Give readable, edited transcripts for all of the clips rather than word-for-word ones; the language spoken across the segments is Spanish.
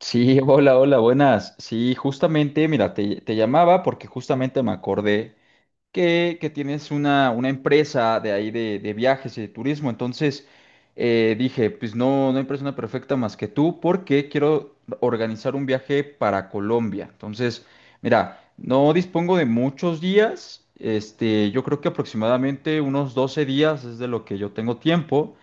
Sí, hola, hola, buenas. Sí, justamente, mira, te llamaba porque justamente me acordé que tienes una empresa de ahí de viajes y de turismo. Entonces, dije, pues no, no hay persona perfecta más que tú porque quiero organizar un viaje para Colombia. Entonces, mira, no dispongo de muchos días. Este, yo creo que aproximadamente unos 12 días es de lo que yo tengo tiempo.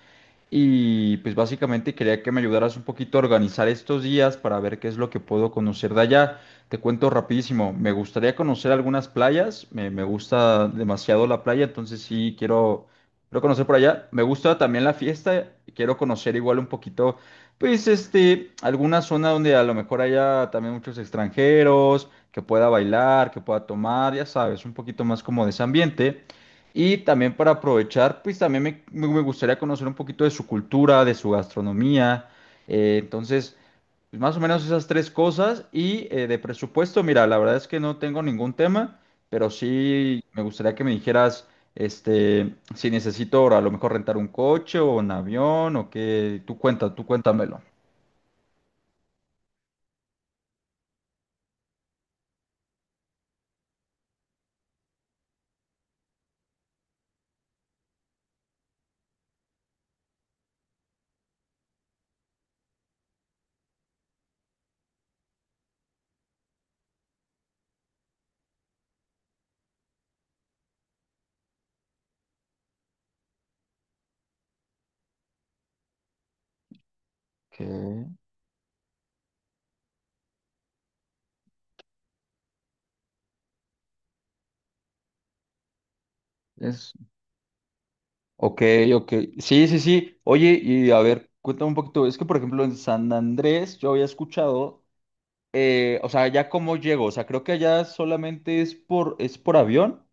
Y pues básicamente quería que me ayudaras un poquito a organizar estos días para ver qué es lo que puedo conocer de allá. Te cuento rapidísimo, me gustaría conocer algunas playas, me gusta demasiado la playa, entonces sí quiero conocer por allá. Me gusta también la fiesta, quiero conocer igual un poquito, pues este, alguna zona donde a lo mejor haya también muchos extranjeros, que pueda bailar, que pueda tomar, ya sabes, un poquito más como de ese ambiente. Y también para aprovechar, pues también me gustaría conocer un poquito de su cultura, de su gastronomía. Entonces, pues, más o menos esas tres cosas. Y de presupuesto, mira, la verdad es que no tengo ningún tema, pero sí me gustaría que me dijeras, este, si necesito ahora a lo mejor rentar un coche o un avión o qué. Tú cuenta, tú cuéntamelo. Que es. Ok, ok. Sí, sí, sí. Oye, y a ver, cuéntame un poquito. Es que, por ejemplo, en San Andrés yo había escuchado o sea, ya cómo llego, o sea, creo que allá solamente es por avión.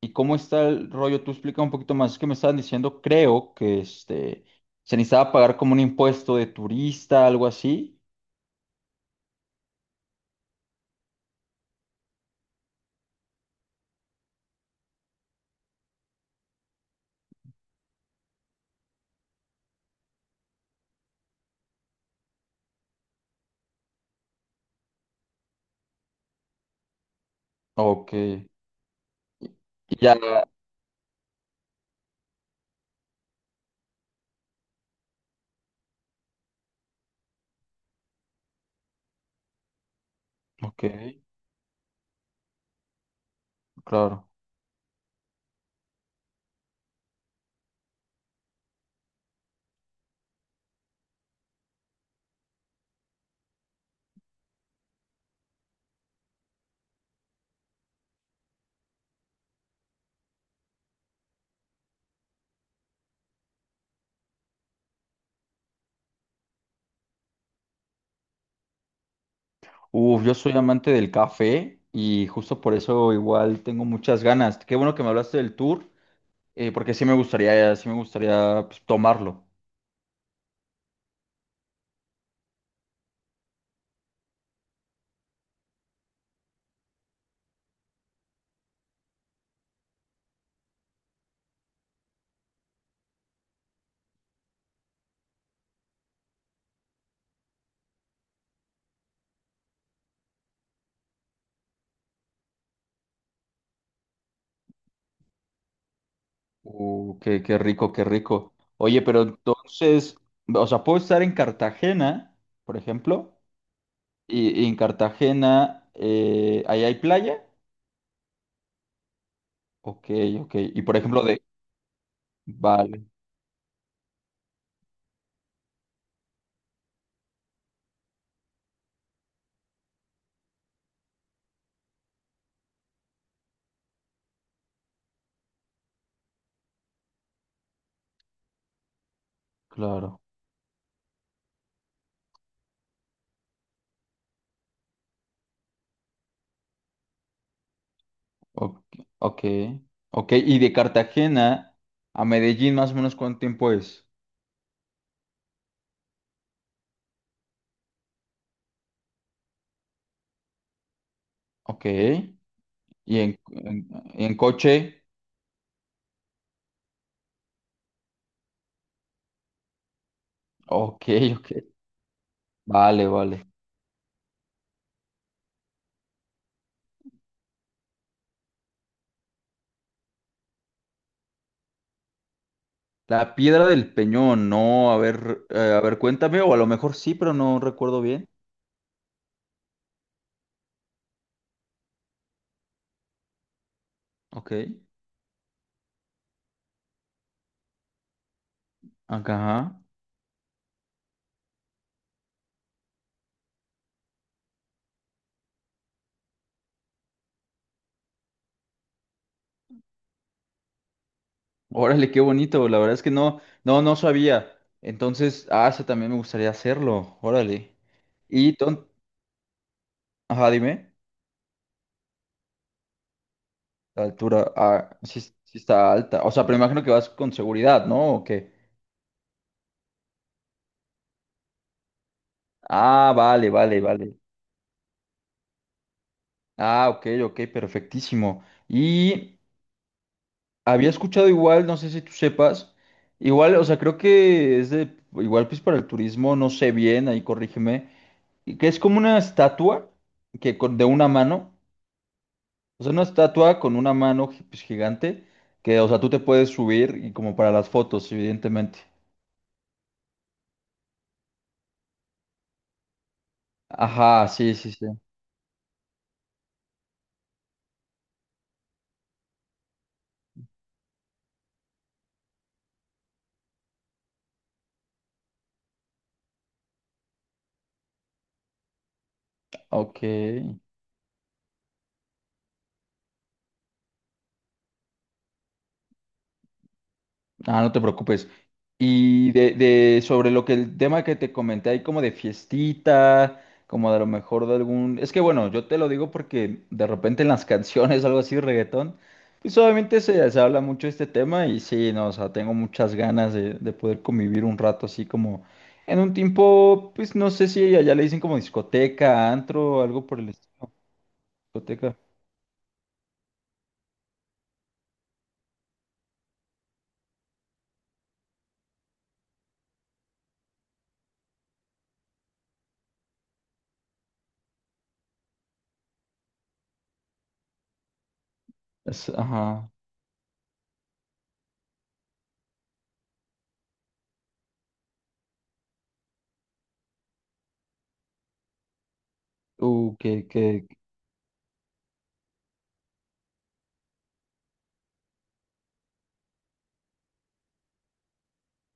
¿Y cómo está el rollo? Tú explica un poquito más. Es que me estaban diciendo, creo que este, se necesitaba pagar como un impuesto de turista, algo así. Ok. Y ya, ok, claro. Uf, yo soy amante del café y justo por eso igual tengo muchas ganas. Qué bueno que me hablaste del tour, porque sí me gustaría pues, tomarlo. Qué rico, qué rico. Oye, pero entonces, o sea, puedo estar en Cartagena, por ejemplo, y en Cartagena, ahí hay playa. Ok, ok. Y por ejemplo, de... Vale, claro. Ok, ok, ok. Y de Cartagena a Medellín, más o menos, ¿cuánto tiempo es? Ok. Y en, en, en coche. Ok, ok. Vale, vale. La piedra del Peñón, no, a ver, cuéntame, o a lo mejor sí, pero no recuerdo bien. Ok, ajá. Órale, qué bonito, la verdad es que no, no, no sabía. Entonces, ah, eso también me gustaría hacerlo, órale. Y, ajá, dime, la altura, ah, sí, sí está alta. O sea, pero imagino que vas con seguridad, ¿no? ¿O qué? Ah, vale, vale, vale. Ah, ok, ok, perfectísimo. Y había escuchado igual, no sé si tú sepas, igual, o sea, creo que es de, igual pues para el turismo, no sé bien, ahí corrígeme, y que es como una estatua de una mano, o sea, una estatua con una mano pues, gigante, que, o sea, tú te puedes subir y como para las fotos, evidentemente. Ajá, sí, sí, sí. Ok. Ah, no te preocupes. Y de sobre lo que el tema que te comenté ahí como de fiestita, como de lo mejor de algún... Es que bueno, yo te lo digo porque de repente en las canciones, algo así, reggaetón, pues obviamente se habla mucho de este tema y sí, no, o sea, tengo muchas ganas de poder convivir un rato así como en un tiempo, pues no sé si allá le dicen como discoteca, antro, algo por el estilo. Discoteca. Ajá. Uh, qué, qué,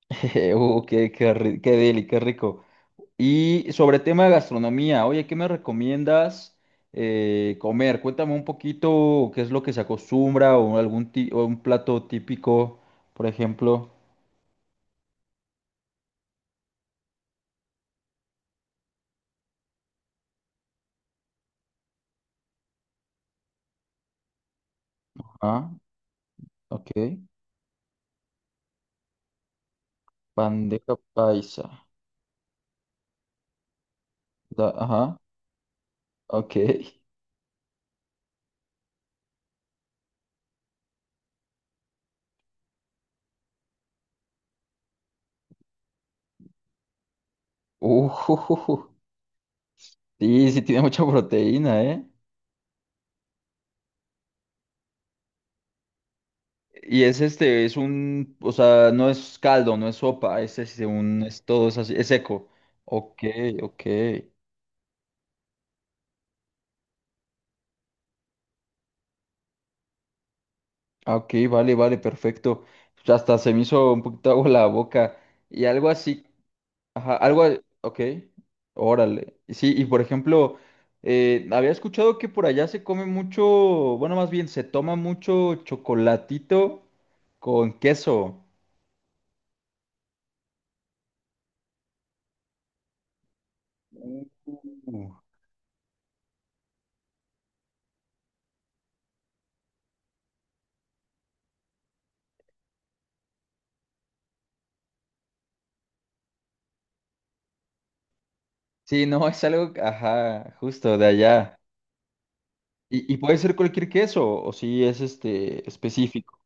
qué deli, qué rico. Y sobre tema de gastronomía, oye, ¿qué me recomiendas comer? Cuéntame un poquito qué es lo que se acostumbra o un plato típico, por ejemplo. Ah, ok. Bandeja paisa. Ajá, ok. Uh, sí, sí tiene mucha proteína, ¿eh? Y es este, es un, o sea, no es caldo, no es sopa, es este, un, es todo, es así, es seco. Ok, ok. Ah, ok, vale, vale, perfecto. Pues, hasta se me hizo un poquito agua la boca. Y algo así, ajá, algo, ok, órale. Sí, y por ejemplo, había escuchado que por allá se come mucho, bueno, más bien se toma mucho chocolatito con queso. Uh. Sí, no, es algo, ajá, justo de allá. Y puede ser cualquier queso, o si es este específico.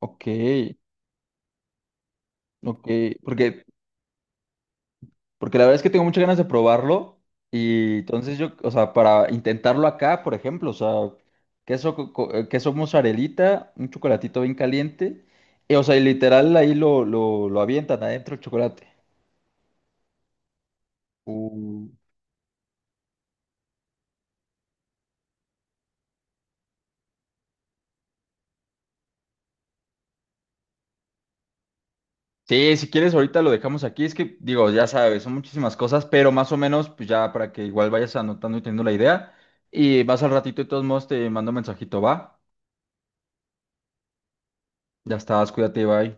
Ok, ok. Porque Porque la verdad es que tengo muchas ganas de probarlo. Y entonces yo, o sea, para intentarlo acá, por ejemplo, o sea, queso, queso mozzarellita, un chocolatito bien caliente. Y, o sea, y literal ahí lo avientan adentro el chocolate. Uh, Sí, si quieres ahorita lo dejamos aquí. Es que, digo, ya sabes, son muchísimas cosas, pero más o menos, pues ya para que igual vayas anotando y teniendo la idea. Y vas al ratito, de todos modos, te mando un mensajito, va. Ya estás, cuídate, bye.